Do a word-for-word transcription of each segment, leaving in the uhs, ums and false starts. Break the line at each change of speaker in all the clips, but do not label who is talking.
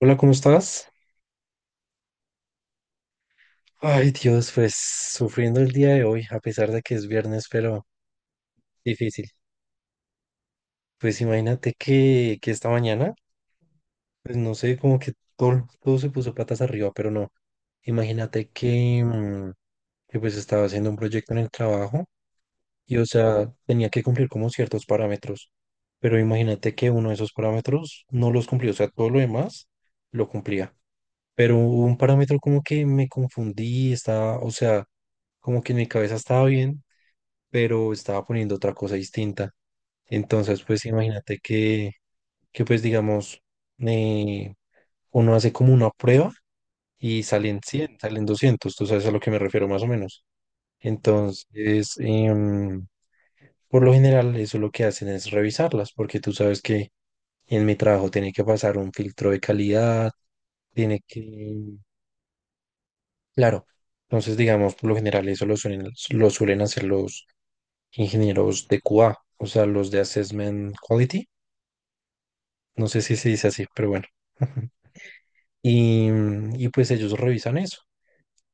Hola, ¿cómo estás? Ay, Dios, pues sufriendo el día de hoy, a pesar de que es viernes, pero difícil. Pues imagínate que, que esta mañana, pues no sé, como que todo, todo se puso patas arriba, pero no. Imagínate que, mm, que pues estaba haciendo un proyecto en el trabajo y, o sea, tenía que cumplir como ciertos parámetros, pero imagínate que uno de esos parámetros no los cumplí. O sea, todo lo demás lo cumplía, pero hubo un parámetro como que me confundí, estaba, o sea, como que en mi cabeza estaba bien pero estaba poniendo otra cosa distinta. Entonces, pues imagínate que, que pues digamos, eh, uno hace como una prueba y salen cien, salen doscientos, tú sabes a lo que me refiero más o menos. Entonces, em, por lo general, eso lo que hacen es revisarlas, porque tú sabes que en mi trabajo tiene que pasar un filtro de calidad, tiene que, claro. Entonces, digamos, por lo general eso lo suelen, lo suelen hacer los ingenieros de Q A, o sea, los de Assessment Quality. No sé si se dice así, pero bueno. Y, y pues ellos revisan eso,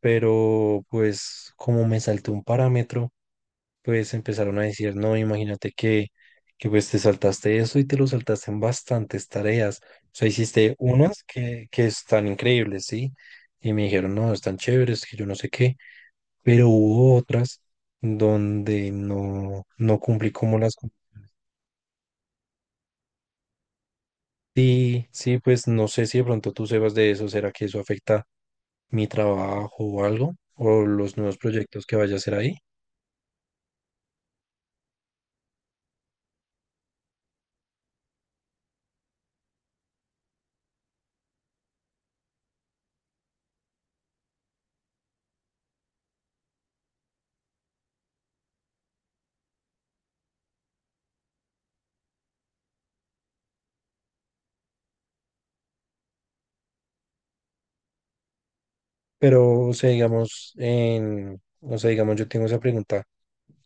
pero pues como me salté un parámetro, pues empezaron a decir, no, imagínate que, que pues te saltaste eso y te lo saltaste en bastantes tareas. O sea, hiciste unas que, que están increíbles, ¿sí? Y me dijeron, no, están chéveres, que yo no sé qué, pero hubo otras donde no, no cumplí como las... cumplí. Sí, sí, pues no sé si de pronto tú sebas de eso, ¿será que eso afecta mi trabajo o algo, o los nuevos proyectos que vaya a hacer ahí? Pero, o sea, digamos, en, o sea, digamos, yo tengo esa pregunta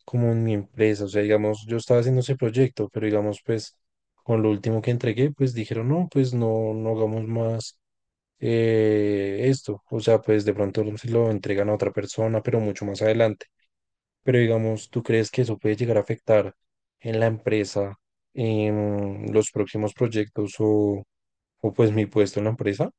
como en mi empresa, o sea, digamos, yo estaba haciendo ese proyecto, pero digamos, pues, con lo último que entregué, pues dijeron, no, pues no, no hagamos más eh, esto, o sea, pues de pronto se lo entregan a otra persona, pero mucho más adelante. Pero digamos, ¿tú crees que eso puede llegar a afectar en la empresa, en los próximos proyectos o, o pues mi puesto en la empresa?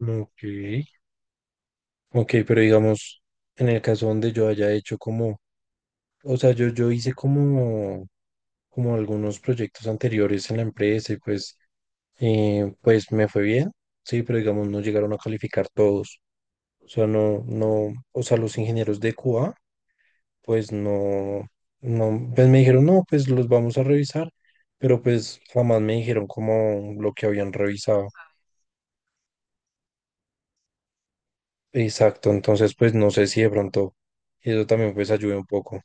Ok. Ok, pero digamos, en el caso donde yo haya hecho como, o sea, yo, yo hice como, como algunos proyectos anteriores en la empresa y pues, eh, pues me fue bien, sí, pero digamos, no llegaron a calificar todos. O sea, no, no, o sea, los ingenieros de Q A pues no, no, pues me dijeron, no, pues los vamos a revisar, pero pues jamás me dijeron como lo que habían revisado. Exacto, entonces pues no sé si de pronto eso también pues ayude un poco.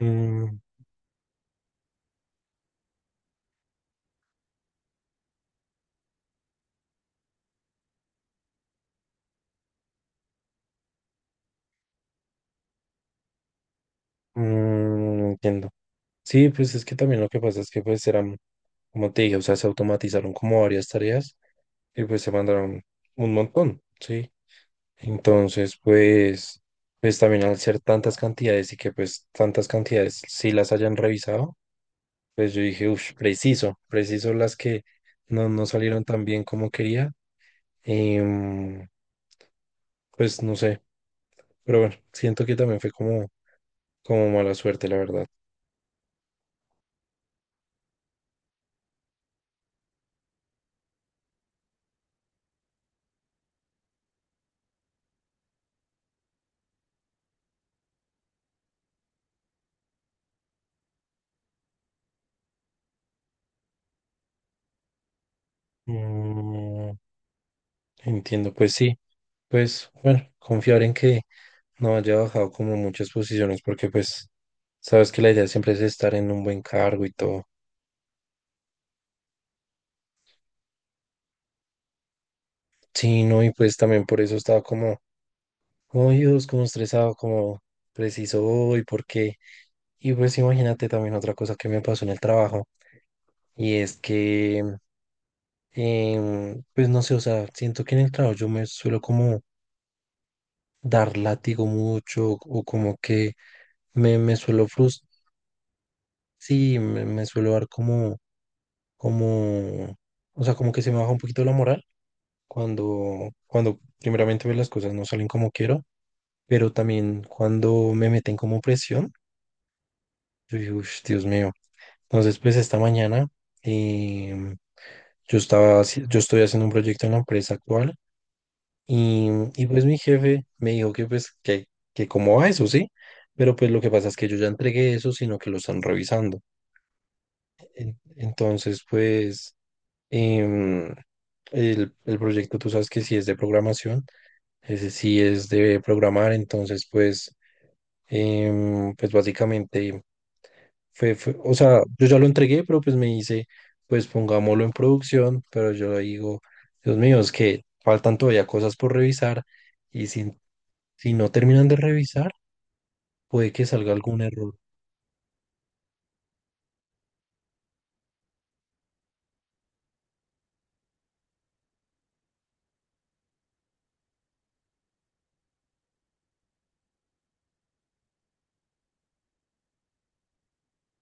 Mm, mm, no entiendo. Sí, pues es que también lo que pasa es que pues eran, como te dije, o sea, se automatizaron como varias tareas y pues se mandaron un montón, ¿sí? Entonces pues, pues también al ser tantas cantidades y que pues tantas cantidades sí las hayan revisado. Pues yo dije, uff, preciso, preciso las que no, no salieron tan bien como quería. Em, pues no sé, pero bueno, siento que también fue como, como mala suerte, la verdad. Mm, entiendo, pues sí, pues bueno, confiar en que no haya bajado como muchas posiciones, porque pues sabes que la idea siempre es estar en un buen cargo y todo. Sí, no, y pues también por eso estaba como como Dios, como estresado, como preciso hoy, por qué. Y pues imagínate también otra cosa que me pasó en el trabajo, y es que, em, pues no sé, o sea, siento que en el trabajo yo me suelo como dar látigo mucho, o como que me, me suelo frustrar, sí, me, me suelo dar como, como, o sea, como que se me baja un poquito la moral cuando, cuando primeramente ve las cosas no salen como quiero, pero también cuando me meten como presión, yo digo, "Ush, Dios mío". Entonces, pues esta mañana em, yo estaba, haci- yo estoy haciendo un proyecto en la empresa actual y, y pues mi jefe me dijo que pues que, que cómo va eso, ¿sí? Pero pues lo que pasa es que yo ya entregué eso, sino que lo están revisando. En- Entonces, pues em, el, el proyecto, tú sabes que si es de programación, ese sí es de programar, entonces pues, em, pues básicamente... Fue, fue- o sea, yo ya lo entregué, pero pues me dice, pues pongámoslo en producción, pero yo le digo, Dios mío, es que faltan todavía cosas por revisar y si, si no terminan de revisar, puede que salga algún error.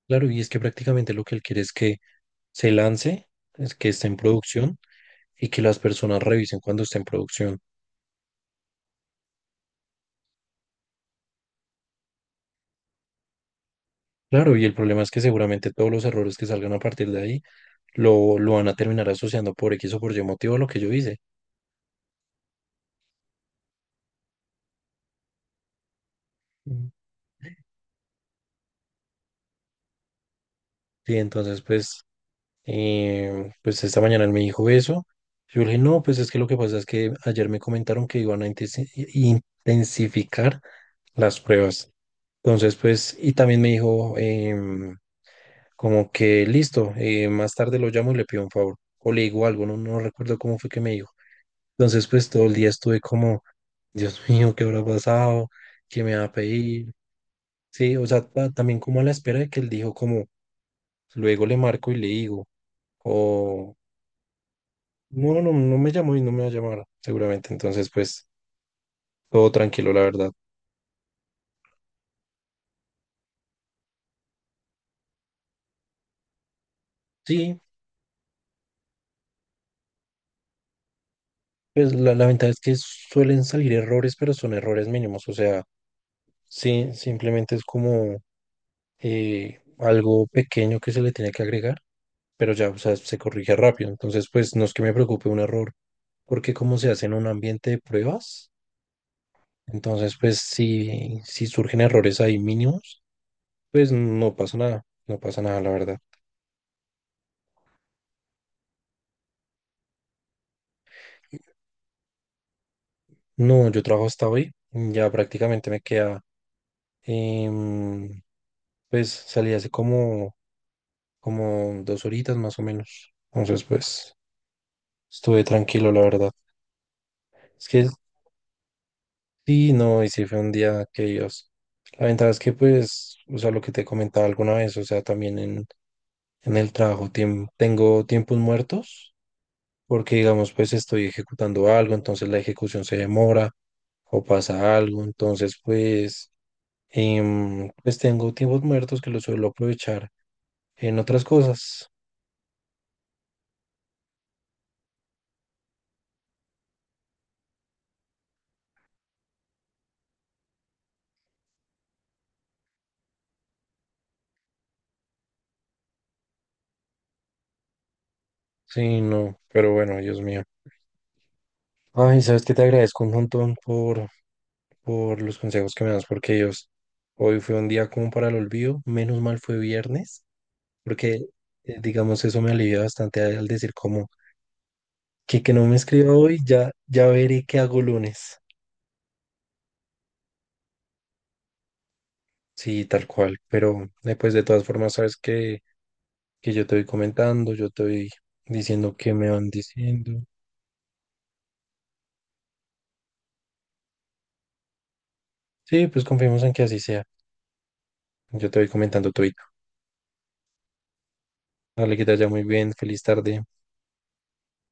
Claro, y es que prácticamente lo que él quiere es que se lance, es que esté en producción y que las personas revisen cuando esté en producción. Claro, y el problema es que seguramente todos los errores que salgan a partir de ahí lo, lo van a terminar asociando por X o por Y motivo a lo que yo hice. Mm. Sí, entonces pues Eh, pues esta mañana él me dijo eso. Yo le dije, no, pues es que lo que pasa es que ayer me comentaron que iban a intensi- intensificar las pruebas. Entonces, pues, y también me dijo em, como que listo, eh, más tarde lo llamo y le pido un favor. O le digo algo, no, no recuerdo cómo fue que me dijo. Entonces, pues todo el día estuve como, Dios mío, ¿qué habrá pasado? ¿Qué me va a pedir? Sí, o sea, ta- también como a la espera de que él dijo como, luego le marco y le digo. O, no, no, no no me llamó y no me va a llamar, seguramente. Entonces, pues, todo tranquilo, la verdad. Sí, pues la, la ventaja es que suelen salir errores, pero son errores mínimos. O sea, sí, simplemente es como eh, algo pequeño que se le tiene que agregar, pero ya, o sea, se corrige rápido. Entonces, pues, no es que me preocupe un error, porque como se hace en un ambiente de pruebas, entonces, pues, si, si surgen errores ahí mínimos, pues no pasa nada, no pasa nada, la verdad. No, yo trabajo hasta hoy, mm, ya prácticamente me queda, em, pues salí hace como, como dos horitas más o menos, entonces pues estuve tranquilo, la verdad. Es que sí, no, y sí fue un día que Dios. La ventaja es que pues, o sea, lo que te comentaba alguna vez, o sea, también en, en el trabajo tiem- tengo tiempos muertos, porque digamos pues estoy ejecutando algo, entonces la ejecución se demora o pasa algo, entonces pues... Em, pues tengo tiempos muertos que los suelo aprovechar en otras cosas. Sí, no, pero bueno, Dios mío. Ay, sabes que te agradezco un montón por, por los consejos que me das, porque ellos, hoy fue un día como para el olvido, menos mal fue viernes, porque eh, digamos eso me alivia bastante al al decir como que, que no me escriba hoy, ya, ya veré qué hago lunes. Sí, tal cual, pero después de todas formas sabes que, que yo te voy comentando, yo te voy diciendo qué me van diciendo. Sí, pues confiemos en que así sea. Yo te voy comentando todo. Dale, que te vaya muy bien. Feliz tarde.